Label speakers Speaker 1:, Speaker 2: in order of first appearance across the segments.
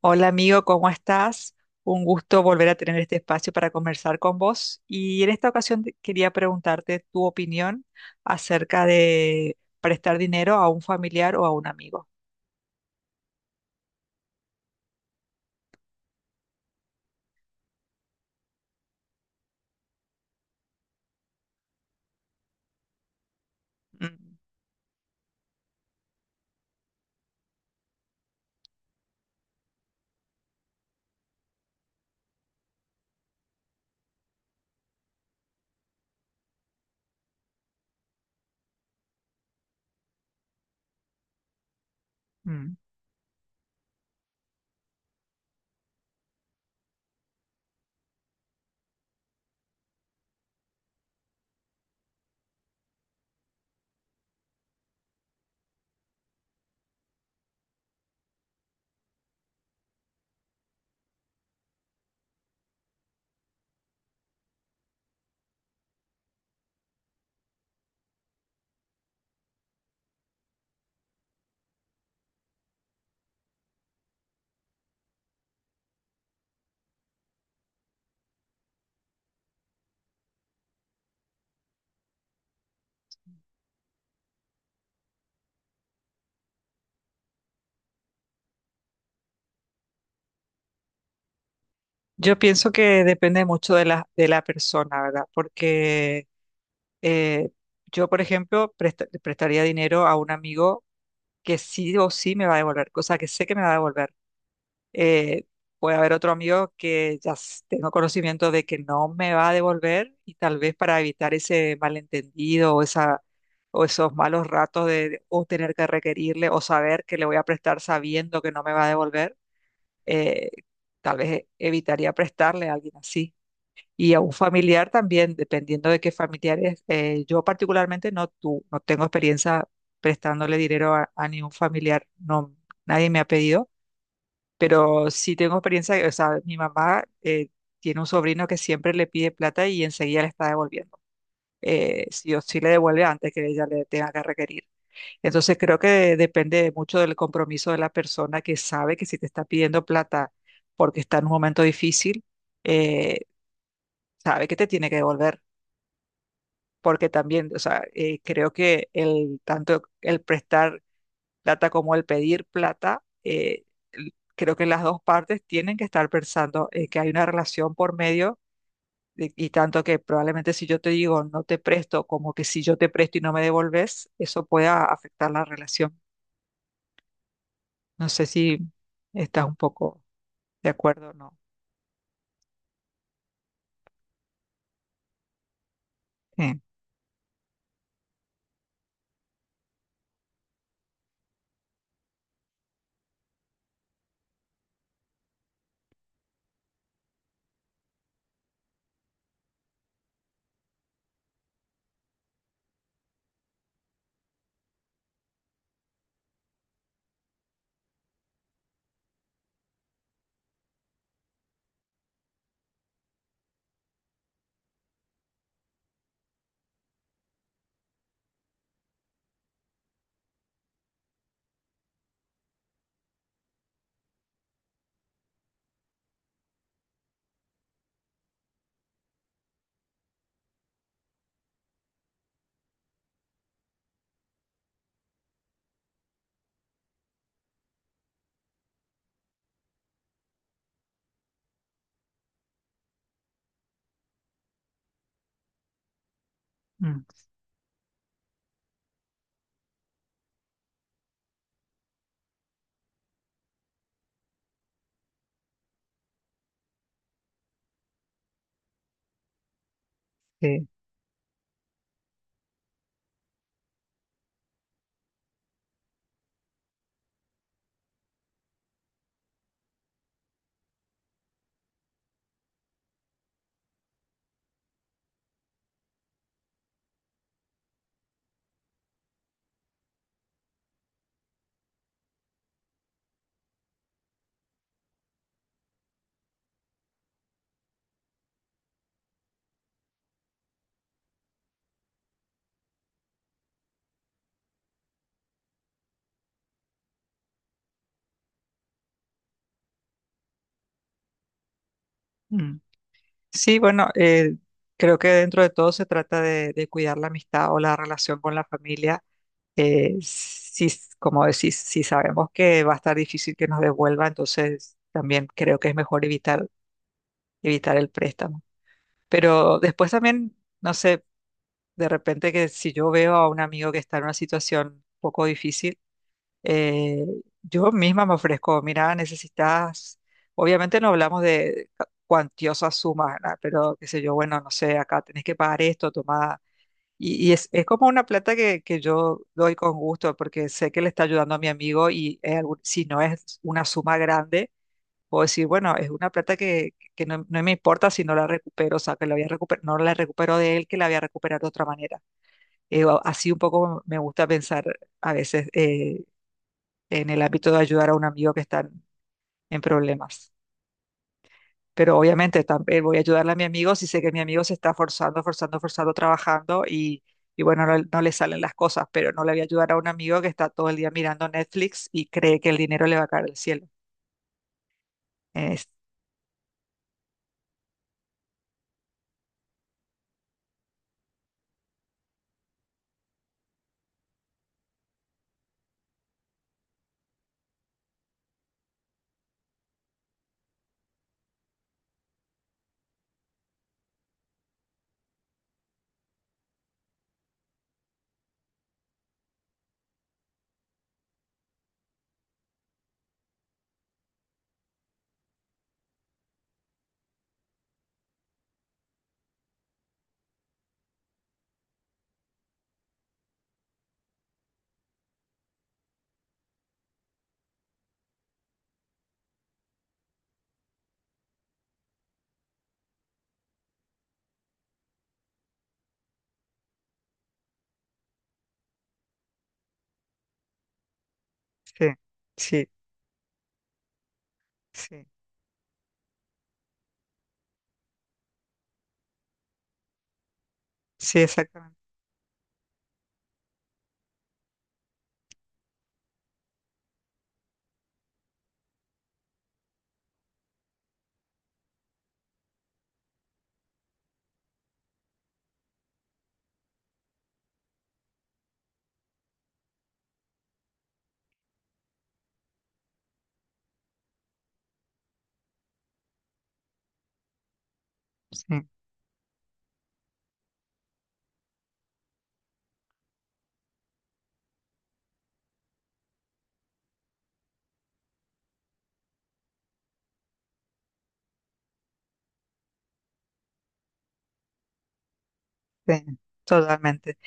Speaker 1: Hola amigo, ¿cómo estás? Un gusto volver a tener este espacio para conversar con vos. Y en esta ocasión quería preguntarte tu opinión acerca de prestar dinero a un familiar o a un amigo. Mm, mm. Yo pienso que depende mucho de la persona, ¿verdad? Porque eh, yo, por ejemplo, le prestaría dinero a un amigo que sí o sí me va a devolver, cosa que sé que me va a devolver. Eh, puede haber otro amigo que tengo conocimiento de que no me va a devolver y tal vez para evitar ese malentendido o esos malos ratos o tener que requerirle o saber que le voy a prestar sabiendo que no me va a devolver, eh, tal vez evitaría prestarle a alguien así. Y a un familiar también, dependiendo de qué familiares. Yo particularmente no, no tengo experiencia prestándole dinero a ningún familiar, no, nadie me ha pedido pero sí tengo experiencia, o sea, mi mamá tiene un sobrino que siempre le pide plata y enseguida le está devolviendo. Sí o sí le devuelve antes que ella le tenga que requerir. Entonces creo que depende mucho del compromiso de la persona que sabe que si te está pidiendo plata porque está en un momento difícil, eh, sabe que te tiene que devolver. Porque también, o sea, creo que el tanto el prestar plata como el pedir plata, creo que las dos partes tienen que estar pensando que hay una relación por medio y tanto que probablemente si yo te digo no te presto, como que si yo te presto y no me devolves, eso pueda afectar la relación. No sé si estás un poco de acuerdo o no. Eh, mm, sí, mm. Sí, bueno, creo que dentro de todo se trata de cuidar la amistad o la relación con la familia si, como decís, si sabemos que va a estar difícil que nos devuelva, entonces también creo que es mejor evitar, evitar el préstamo. Pero después también, no sé, de repente que si yo veo a un amigo que está en una situación un poco difícil, eh, yo misma me ofrezco, mira, necesitas, obviamente no hablamos de cuantiosas sumas, ¿verdad? Pero qué sé yo, bueno, no sé, acá tenés que pagar esto, toma y es como una plata que yo doy con gusto porque sé que le está ayudando a mi amigo y es si no es una suma grande, puedo decir, bueno, es una plata que no me importa si no la recupero, o sea, que la voy a no la recupero de él, que la voy a recuperar de otra manera. Así un poco me gusta pensar a veces en el ámbito de ayudar a un amigo que está en problemas. Pero obviamente también voy a ayudarle a mi amigo si sé que mi amigo se está forzando, forzando, forzando, trabajando y bueno, no, no le salen las cosas, pero no le voy a ayudar a un amigo que está todo el día mirando Netflix y cree que el dinero le va a caer del cielo. Es- sí, sí, sí, sí, exactamente. Sí, sí, totalmente.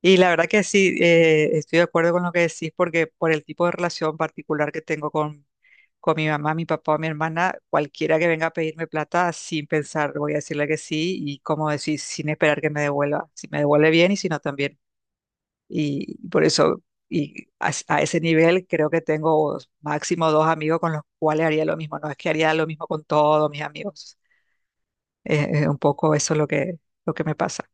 Speaker 1: Y la verdad que sí, estoy de acuerdo con lo que decís porque por el tipo de relación particular que tengo con mi mamá, mi papá o mi hermana, cualquiera que venga a pedirme plata, sin pensar, voy a decirle que sí y como decir, sin esperar que me devuelva. Si me devuelve bien y si no también. Y por eso, y a, a ese nivel creo que tengo máximo dos amigos con los cuales haría lo mismo. No es que haría lo mismo con todos mis amigos. Un poco eso es lo que me pasa.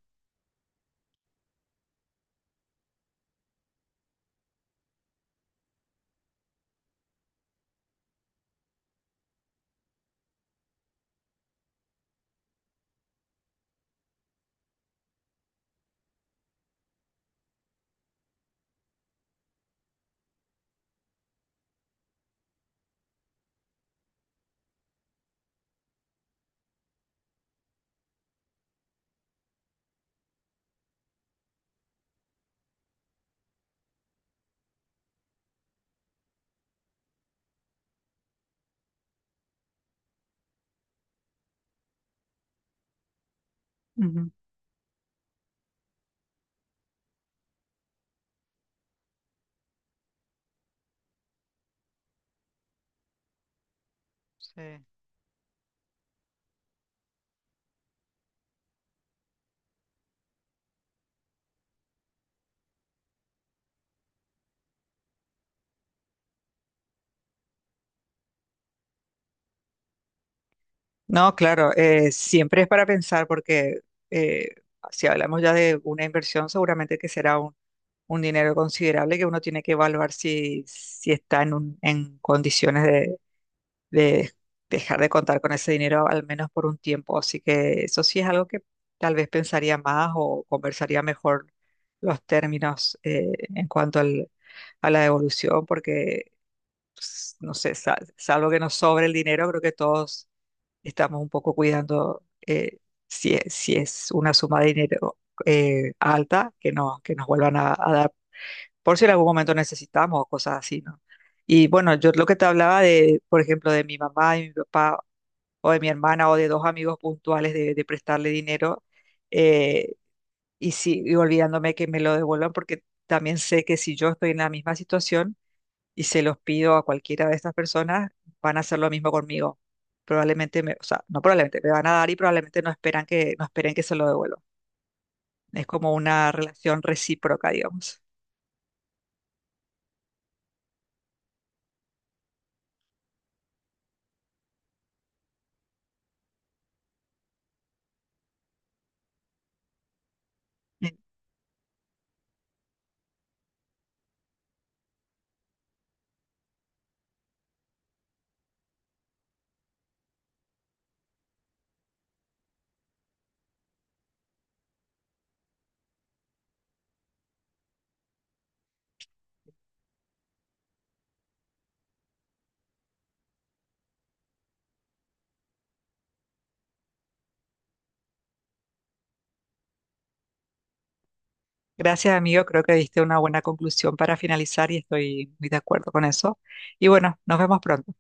Speaker 1: Ujú. Sí. No, claro, siempre es para pensar porque eh, si hablamos ya de una inversión, seguramente que será un dinero considerable que uno tiene que evaluar si, si está en, en condiciones de dejar de contar con ese dinero al menos por un tiempo. Así que eso sí es algo que tal vez pensaría más o conversaría mejor los términos en cuanto a la devolución, porque no sé, salvo que nos sobre el dinero, creo que todos estamos un poco cuidando si, es, si es una suma de dinero alta, que, no, que nos vuelvan a dar, por si en algún momento necesitamos o cosas así, ¿no? Y bueno, yo lo que te hablaba de, por ejemplo, de mi mamá y mi papá, o de mi hermana, o de dos amigos puntuales de prestarle dinero, eh, y, si, y olvidándome que me lo devuelvan, porque también sé que si yo estoy en la misma situación, y se los pido a cualquiera de estas personas, van a hacer lo mismo conmigo. Probablemente me, o sea, no probablemente, me van a dar y probablemente no esperan que, no esperen que se lo devuelva. Es como una relación recíproca, digamos. Bien. Gracias, amigo. Creo que diste una buena conclusión para finalizar y estoy muy de acuerdo con eso. Y bueno, nos vemos pronto.